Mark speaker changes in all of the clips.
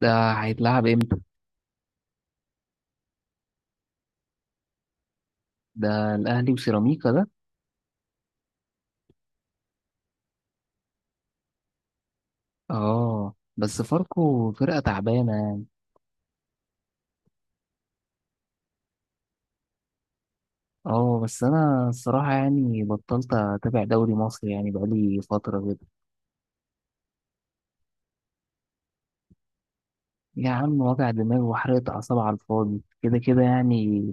Speaker 1: ده هيتلعب امتى؟ ده الاهلي وسيراميكا ده؟ اه بس فاركو فرقة تعبانة يعني. اه بس انا الصراحة يعني بطلت اتابع دوري مصر يعني بقالي فترة كده. يا عم وجع دماغ وحرقة اعصاب على الفاضي كده كده يعني.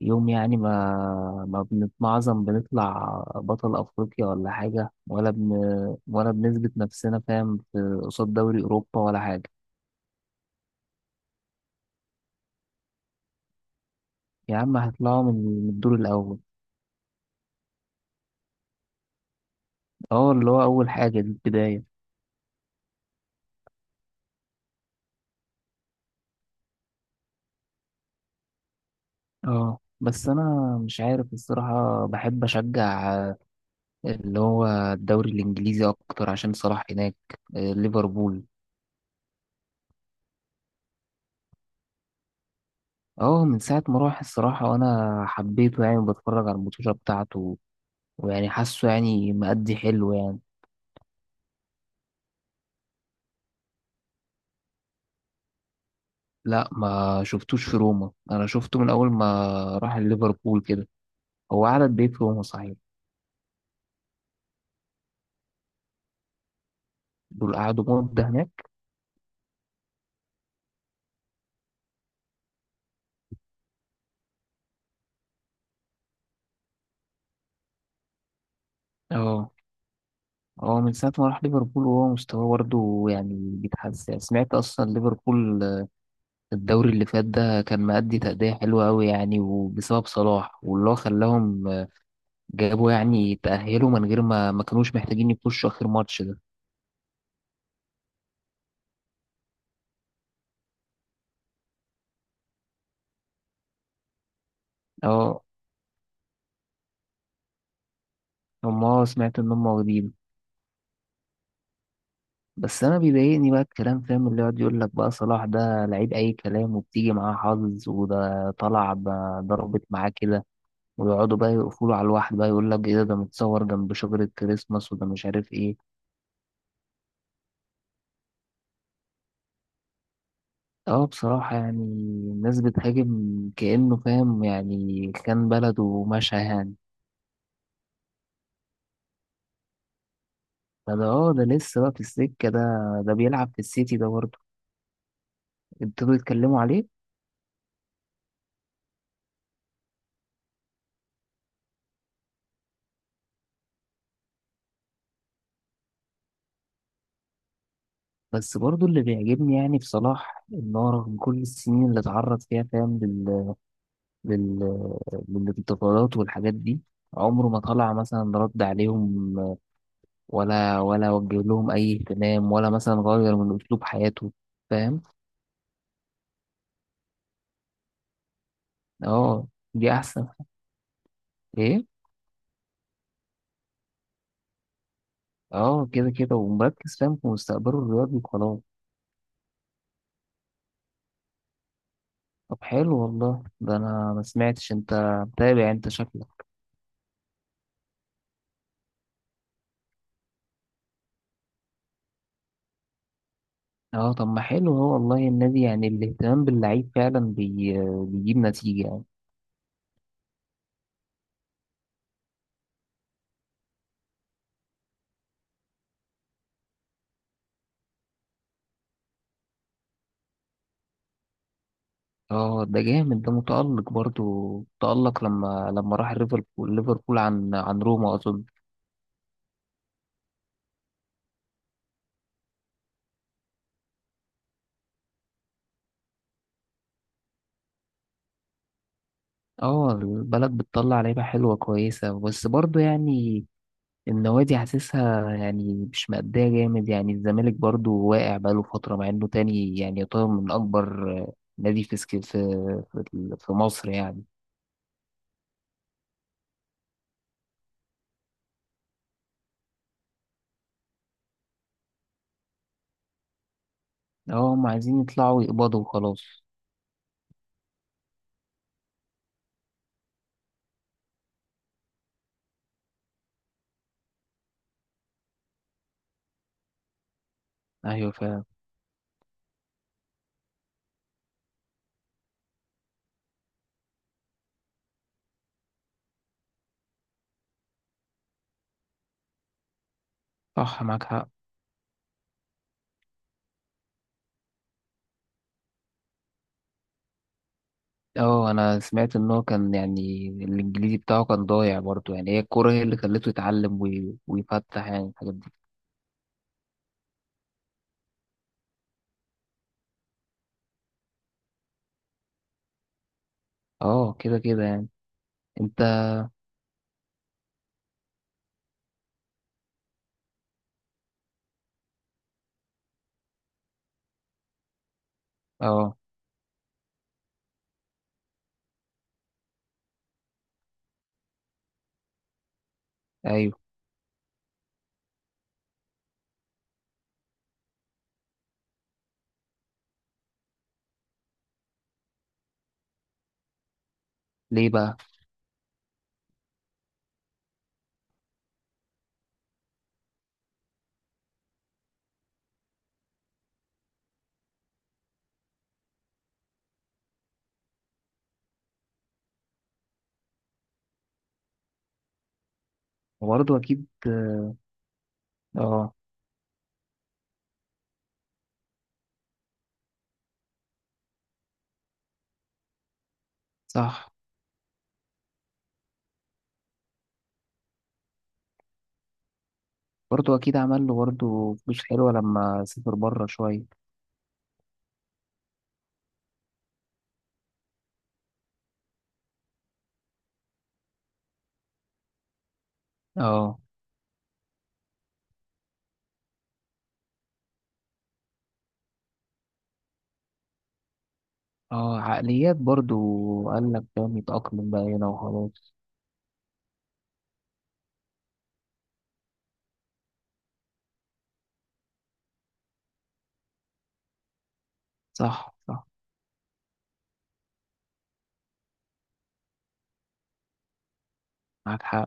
Speaker 1: يوم يعني ما بنتمعظم بنطلع بطل افريقيا ولا حاجة ولا بنثبت نفسنا فاهم في قصاد دوري اوروبا ولا حاجة. يا عم هيطلعوا من الدور الاول. اه اللي هو اول حاجة دي البداية. اه بس انا مش عارف الصراحه بحب اشجع اللي هو الدوري الانجليزي اكتر عشان صلاح هناك، ليفربول. اه من ساعه ما راح الصراحه وانا حبيته يعني وبتفرج على الماتشات بتاعته، ويعني حاسه يعني مأدي حلو يعني. لا ما شفتوش في روما، انا شفته من اول ما راح ليفربول كده. هو قعد قد ايه في روما صحيح؟ دول قعدوا مده هناك. اه هو من ساعة ما راح ليفربول وهو مستواه برضه يعني بيتحسن، سمعت أصلا ليفربول الدوري اللي فات ده كان مأدي تأدية حلوة أوي يعني، وبسبب صلاح واللي هو خلاهم جابوا يعني تأهلوا من غير ما كانوش محتاجين يخشوا آخر ماتش ده. اه هم سمعت إن هم واخدين. بس أنا بيضايقني بقى الكلام فاهم، اللي يقعد يقول لك بقى صلاح ده لعيب أي كلام وبتيجي معاه حظ وده طلع ضربت معاه كده. ويقعدوا بقى يقفلوا على الواحد، بقى يقول لك إيه ده متصور جنب شجرة كريسماس، وده مش عارف إيه. اه بصراحة يعني الناس بتهاجم كأنه فاهم، يعني كان بلده ومشى يعني. فده اه ده لسه بقى في السكة ده، ده بيلعب في السيتي ده برضه، ابتدوا يتكلموا عليه. بس برضه اللي بيعجبني يعني بصلاح إن هو رغم كل السنين اللي اتعرض فيها فاهم لل... للانتقادات والحاجات دي، عمره ما طلع مثلا رد عليهم ولا وجه لهم أي اهتمام ولا مثلا غير من أسلوب حياته. فاهم. اه دي أحسن. إيه؟ اه كده كده ومركز فاهم في مستقبله الرياضي وخلاص. طب حلو والله، ده انا ما سمعتش، انت متابع انت شكلك. اه طب ما حلو هو والله، النادي يعني الاهتمام باللعيب فعلا بيجيب نتيجة يعني. اه ده جامد ده، متألق برضو، متألق لما راح ليفربول عن روما اظن. اه البلد بتطلع لعيبة حلوة كويسة، بس برضو يعني النوادي حاسسها يعني مش مأدية جامد، يعني الزمالك برضو واقع بقاله فترة مع إنه تاني يعني يعتبر من أكبر نادي في في مصر يعني. اه هم عايزين يطلعوا يقبضوا وخلاص. أيوة فعلا. صح معاك حق. اه أنا سمعت إن هو كان يعني الإنجليزي بتاعه كان ضايع برضو يعني، هي الكورة هي اللي خلته يتعلم ويفتح يعني الحاجات دي. اه كده كده يعني. أنت. اه. أيوة. ليه بقى؟ وبرضو أكيد. اه. صح. برضه اكيد عمل له برضه فلوس حلوه لما سافر بره شويه. اه. اه عقليات برضه، قال لك فاهم يتأقلم بقى هنا وخلاص. صح صح، معاك حق.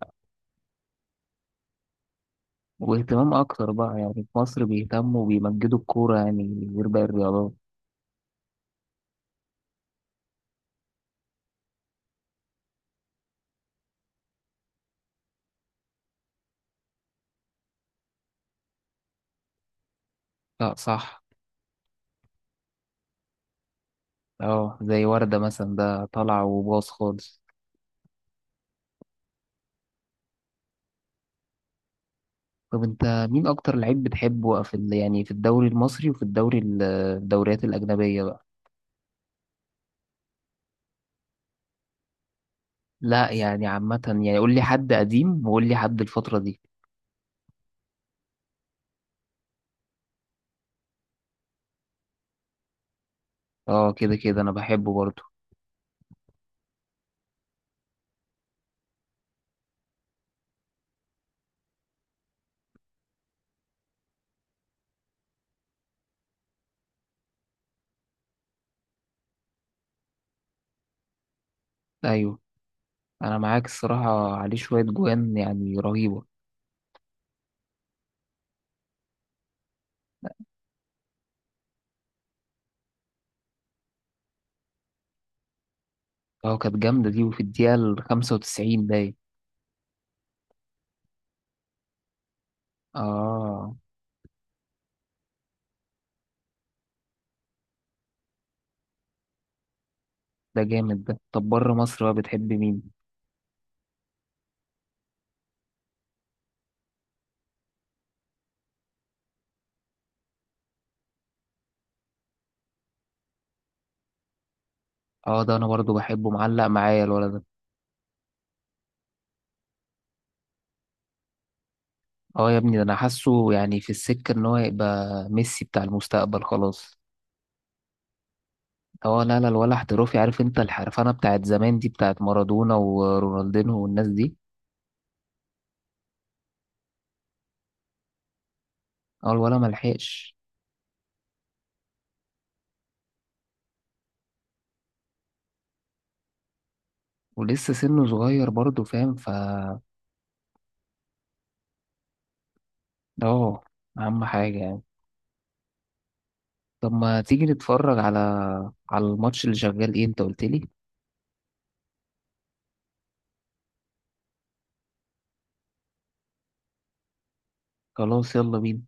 Speaker 1: واهتمام اكتر بقى يعني في مصر بيهتموا وبيمجدوا الكوره يعني غير باقي الرياضات. لا صح. اه زي وردة مثلا ده طالع وباص خالص. طب انت مين اكتر لعيب بتحبه في يعني في الدوري المصري وفي الدوري الدوريات الاجنبيه بقى؟ لا يعني عامه يعني، قول لي حد قديم وقول لي حد الفتره دي. اه كده كده انا بحبه برضه. ايوه، انا معاك الصراحه، عليه شويه جوان يعني رهيبه. اه كانت جامده دي، وفي الدقيقه ال 95 باين. اه ده جامد ده، طب بره مصر بقى بتحب مين؟ اه ده انا برضه بحبه، معلق معايا الولد ده. اه يا ابني ده انا حاسه يعني في السكه ان هو يبقى ميسي بتاع المستقبل خلاص. اه لا لا، الولا احترافي، عارف انت الحرفنه بتاعت زمان دي بتاعت مارادونا ورونالدينو والناس دي. اه الولا ملحقش. ولسه سنه صغير برضه فاهم اه اهم حاجة يعني. طب ما تيجي نتفرج على الماتش اللي شغال، ايه انت قلت لي؟ خلاص يلا بينا.